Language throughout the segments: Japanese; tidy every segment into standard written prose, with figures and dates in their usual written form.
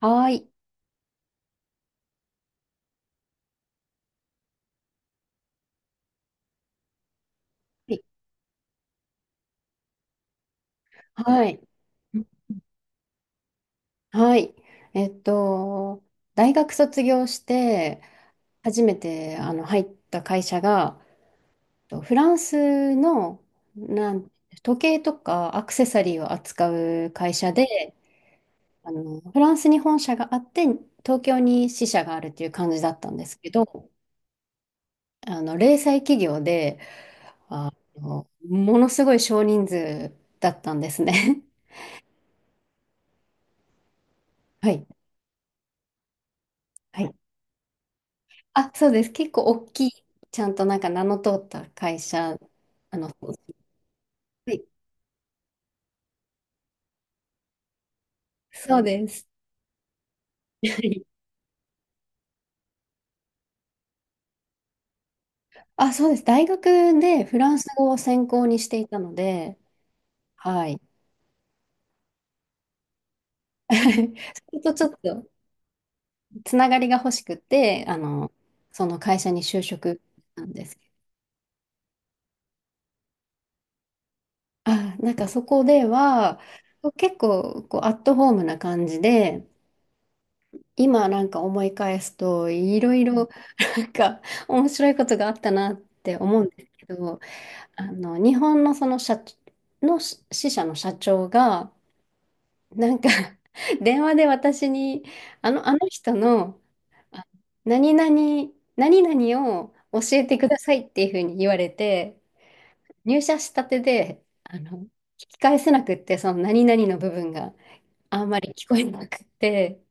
はい。はい。はい。えっと、大学卒業して、初めて入った会社が、フランスのなん時計とかアクセサリーを扱う会社で、フランスに本社があって、東京に支社があるっていう感じだったんですけど、零細企業で、あものすごい少人数だったんですね。はい。はい、あ、そうです。結構大きい、ちゃんとなんか名の通った会社、あの、はい、そうです。あ、そうです。大学でフランス語を専攻にしていたので、はい。それとちょっとつながりが欲しくて、その会社に就職なんですけど。あ、なんかそこでは、結構こうアットホームな感じで、今なんか思い返すといろいろなんか面白いことがあったなって思うんですけど、日本のその社の支社の社長がなんか 電話で私にあの人のあ何々、何々を教えてくださいっていうふうに言われて入社したてで聞き返せなくってその何々の部分があんまり聞こえなくって。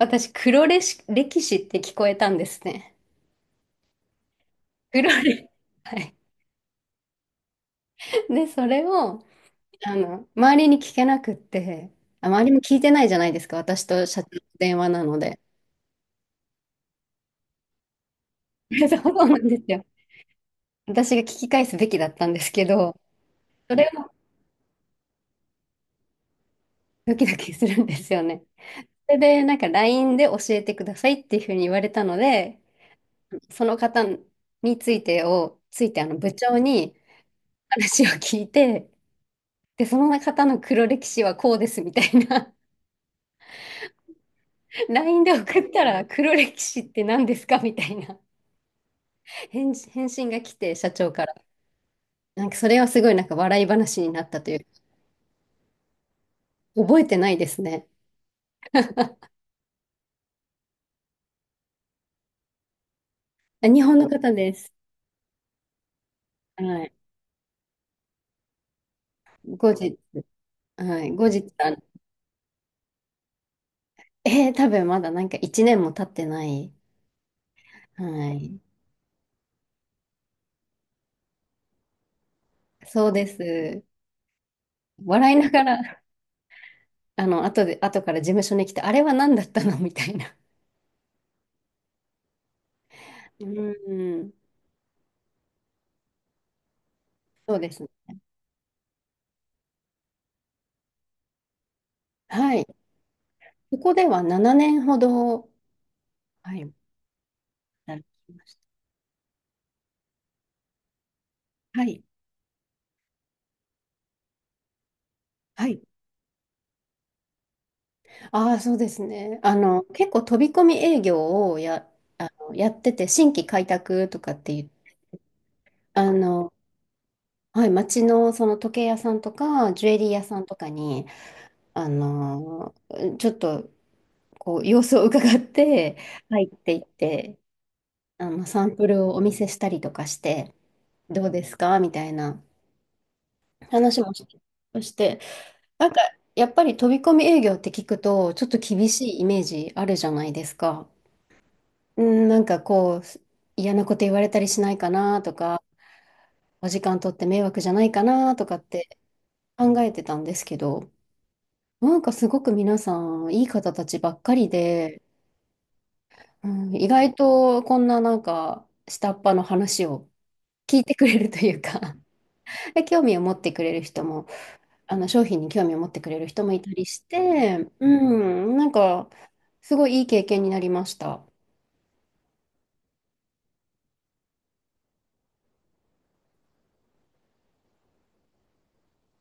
私、黒歴史歴史って聞こえたんですね。黒歴はい。で、それを、周りに聞けなくって、あ、周りも聞いてないじゃないですか、私と社長の電話なので。そうなんですよ。私が聞き返すべきだったんですけど、それをドキドキするんですよね。それで、なんか LINE で教えてくださいっていうふうに言われたので、その方についてを、ついて部長に話を聞いて、で、その方の黒歴史はこうですみたいな LINE で送ったら黒歴史って何ですかみたいな返事、返信が来て、社長から。なんかそれはすごいなんか笑い話になったという。覚えてないですね。あ、日本の方です。はい。後日、はい。後日、多分まだなんか1年も経ってない。はい。そうです。笑いながら、後で、後から事務所に来て、あれは何だったのみたいな。うん。そうですね。はい。ここでは7年ほど、はい、働きました。はい。はい。ああ、そうですね。結構飛び込み営業をや、あの、やってて、新規開拓とかっていう、あの、はい、街のその時計屋さんとか、ジュエリー屋さんとかに、あの、ちょっと、こう、様子を伺って、入っていって、サンプルをお見せしたりとかして、どうですかみたいな話もして、なんか、やっぱり飛び込み営業って聞くと、ちょっと厳しいイメージあるじゃないですか。うん、なんかこう、嫌なこと言われたりしないかなとか、お時間取って迷惑じゃないかなとかって考えてたんですけど、なんかすごく皆さん、いい方たちばっかりで、うん、意外とこんななんか下っ端の話を聞いてくれるというか で興味を持ってくれる人も、あの商品に興味を持ってくれる人もいたりして、うん、なんかすごいいい経験になりました。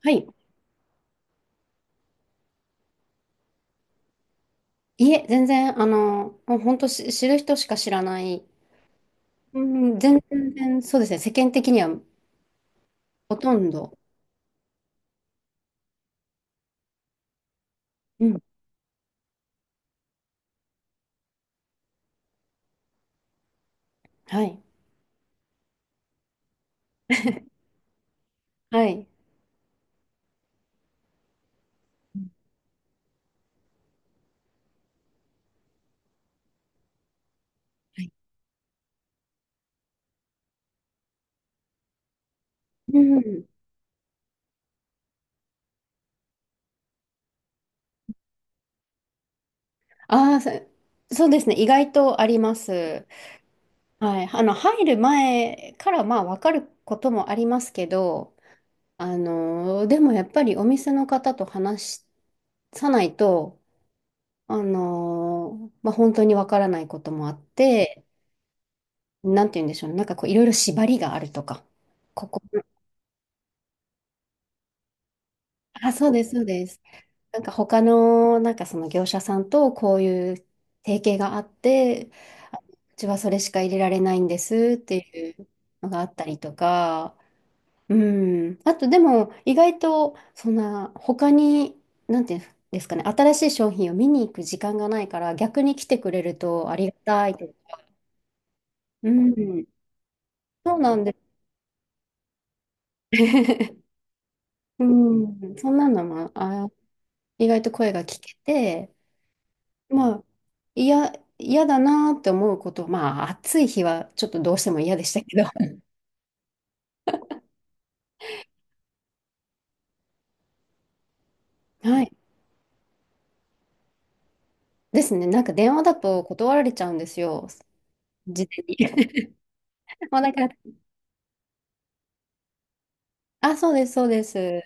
はい。いえ、全然、もう本当知る人しか知らない、うん、全然そうですね。世間的にはほとんど。うん。はい。はい。はい、うん。ああ、そうですね。意外とあります。はい。入る前からまあ分かることもありますけど、でもやっぱりお店の方と話さないと、まあ本当に分からないこともあって、なんて言うんでしょうね。なんかこういろいろ縛りがあるとか。ここ、あ、そうです、そうです。なんか他の、なんかその業者さんとこういう提携があって、あ、うちはそれしか入れられないんですっていうのがあったりとか、うん。あとでも意外とそんな他に、なんていうんですかね、新しい商品を見に行く時間がないから逆に来てくれるとありがたいとか。うん。そうなんです。うん。そんなのも、あ、意外と声が聞けて、まあ、いや、嫌だなーって思うこと、まあ、暑い日はちょっとどうしても嫌でしたけど。はい。ですね。なんか電話だと断られちゃうんですよ。事前に。もうだから、あ、そうです、そうです。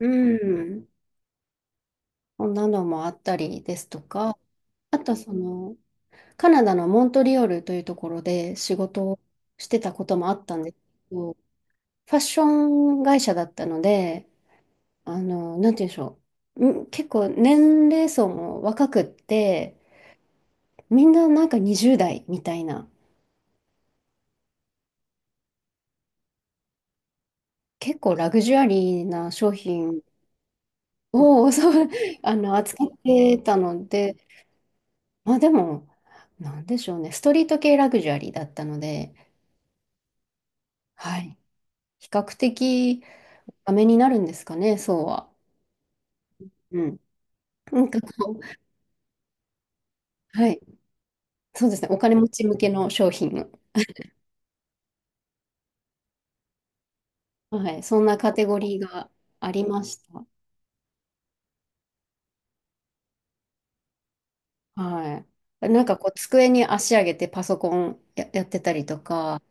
うん。こんなのもあったりですとか、あとその、カナダのモントリオールというところで仕事をしてたこともあったんですけど、ファッション会社だったので、なんて言うんでしょう。うん、結構年齢層も若くって、みんななんか20代みたいな、結構ラグジュアリーな商品を そう、扱ってたので、まあでも、なんでしょうね、ストリート系ラグジュアリーだったので、はい、比較的ダメになるんですかね、そうは。うん。なんかこう、はい、そうですね、お金持ち向けの商品。はい、そんなカテゴリーがありました。はい。なんかこう、机に足上げてパソコンや、やってたりとか、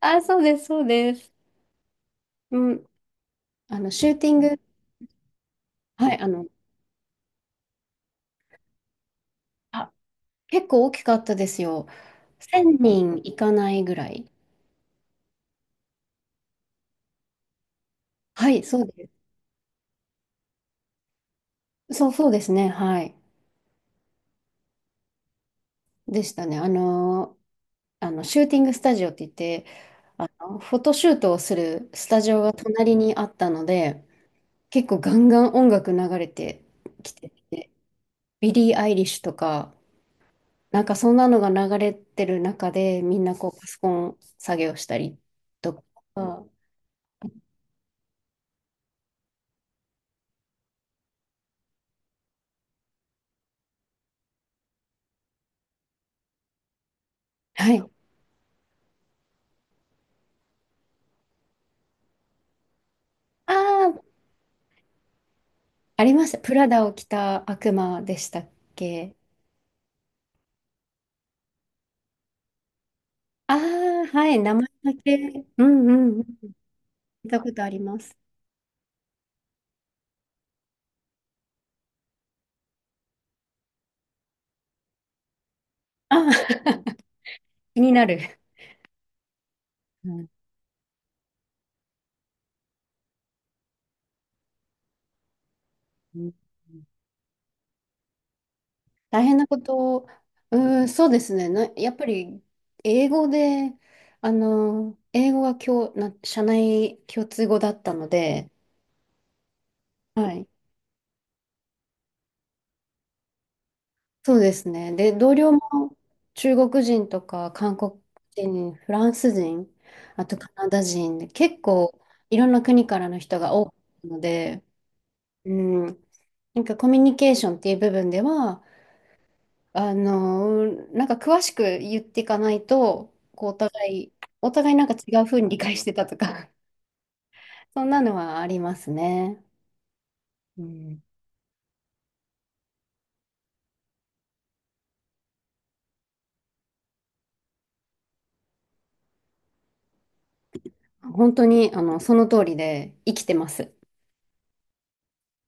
あ、そうです、そうです。うん、シューティング、はい、あ、結構大きかったですよ。1000人いかないぐらい。はい、そうです。そうですね、はい。でしたね。シューティングスタジオって言って、フォトシュートをするスタジオが隣にあったので、結構ガンガン音楽流れてきてて、ビリー・アイリッシュとか、なんかそんなのが流れてる中で、みんなこうパソコン作業したりとか、はい。ああ、ありました。プラダを着た悪魔でしたっけ、ああー、はい、名前だけ。うんうんうん。見たことあります。あー 気になる。うんうん、大変なことを、うん、そうですね。やっぱり、英語で、あの、英語が今日、社内共通語だったので、はい。そうですね。で、同僚も中国人とか韓国人、フランス人、あとカナダ人で、結構いろんな国からの人が多いので、うん、なんかコミュニケーションっていう部分では、あの、なんか詳しく言っていかないと、こうい、お互いなんか違う風に理解してたとか、そんなのはありますね。うん、本当に、その通りで生きてます。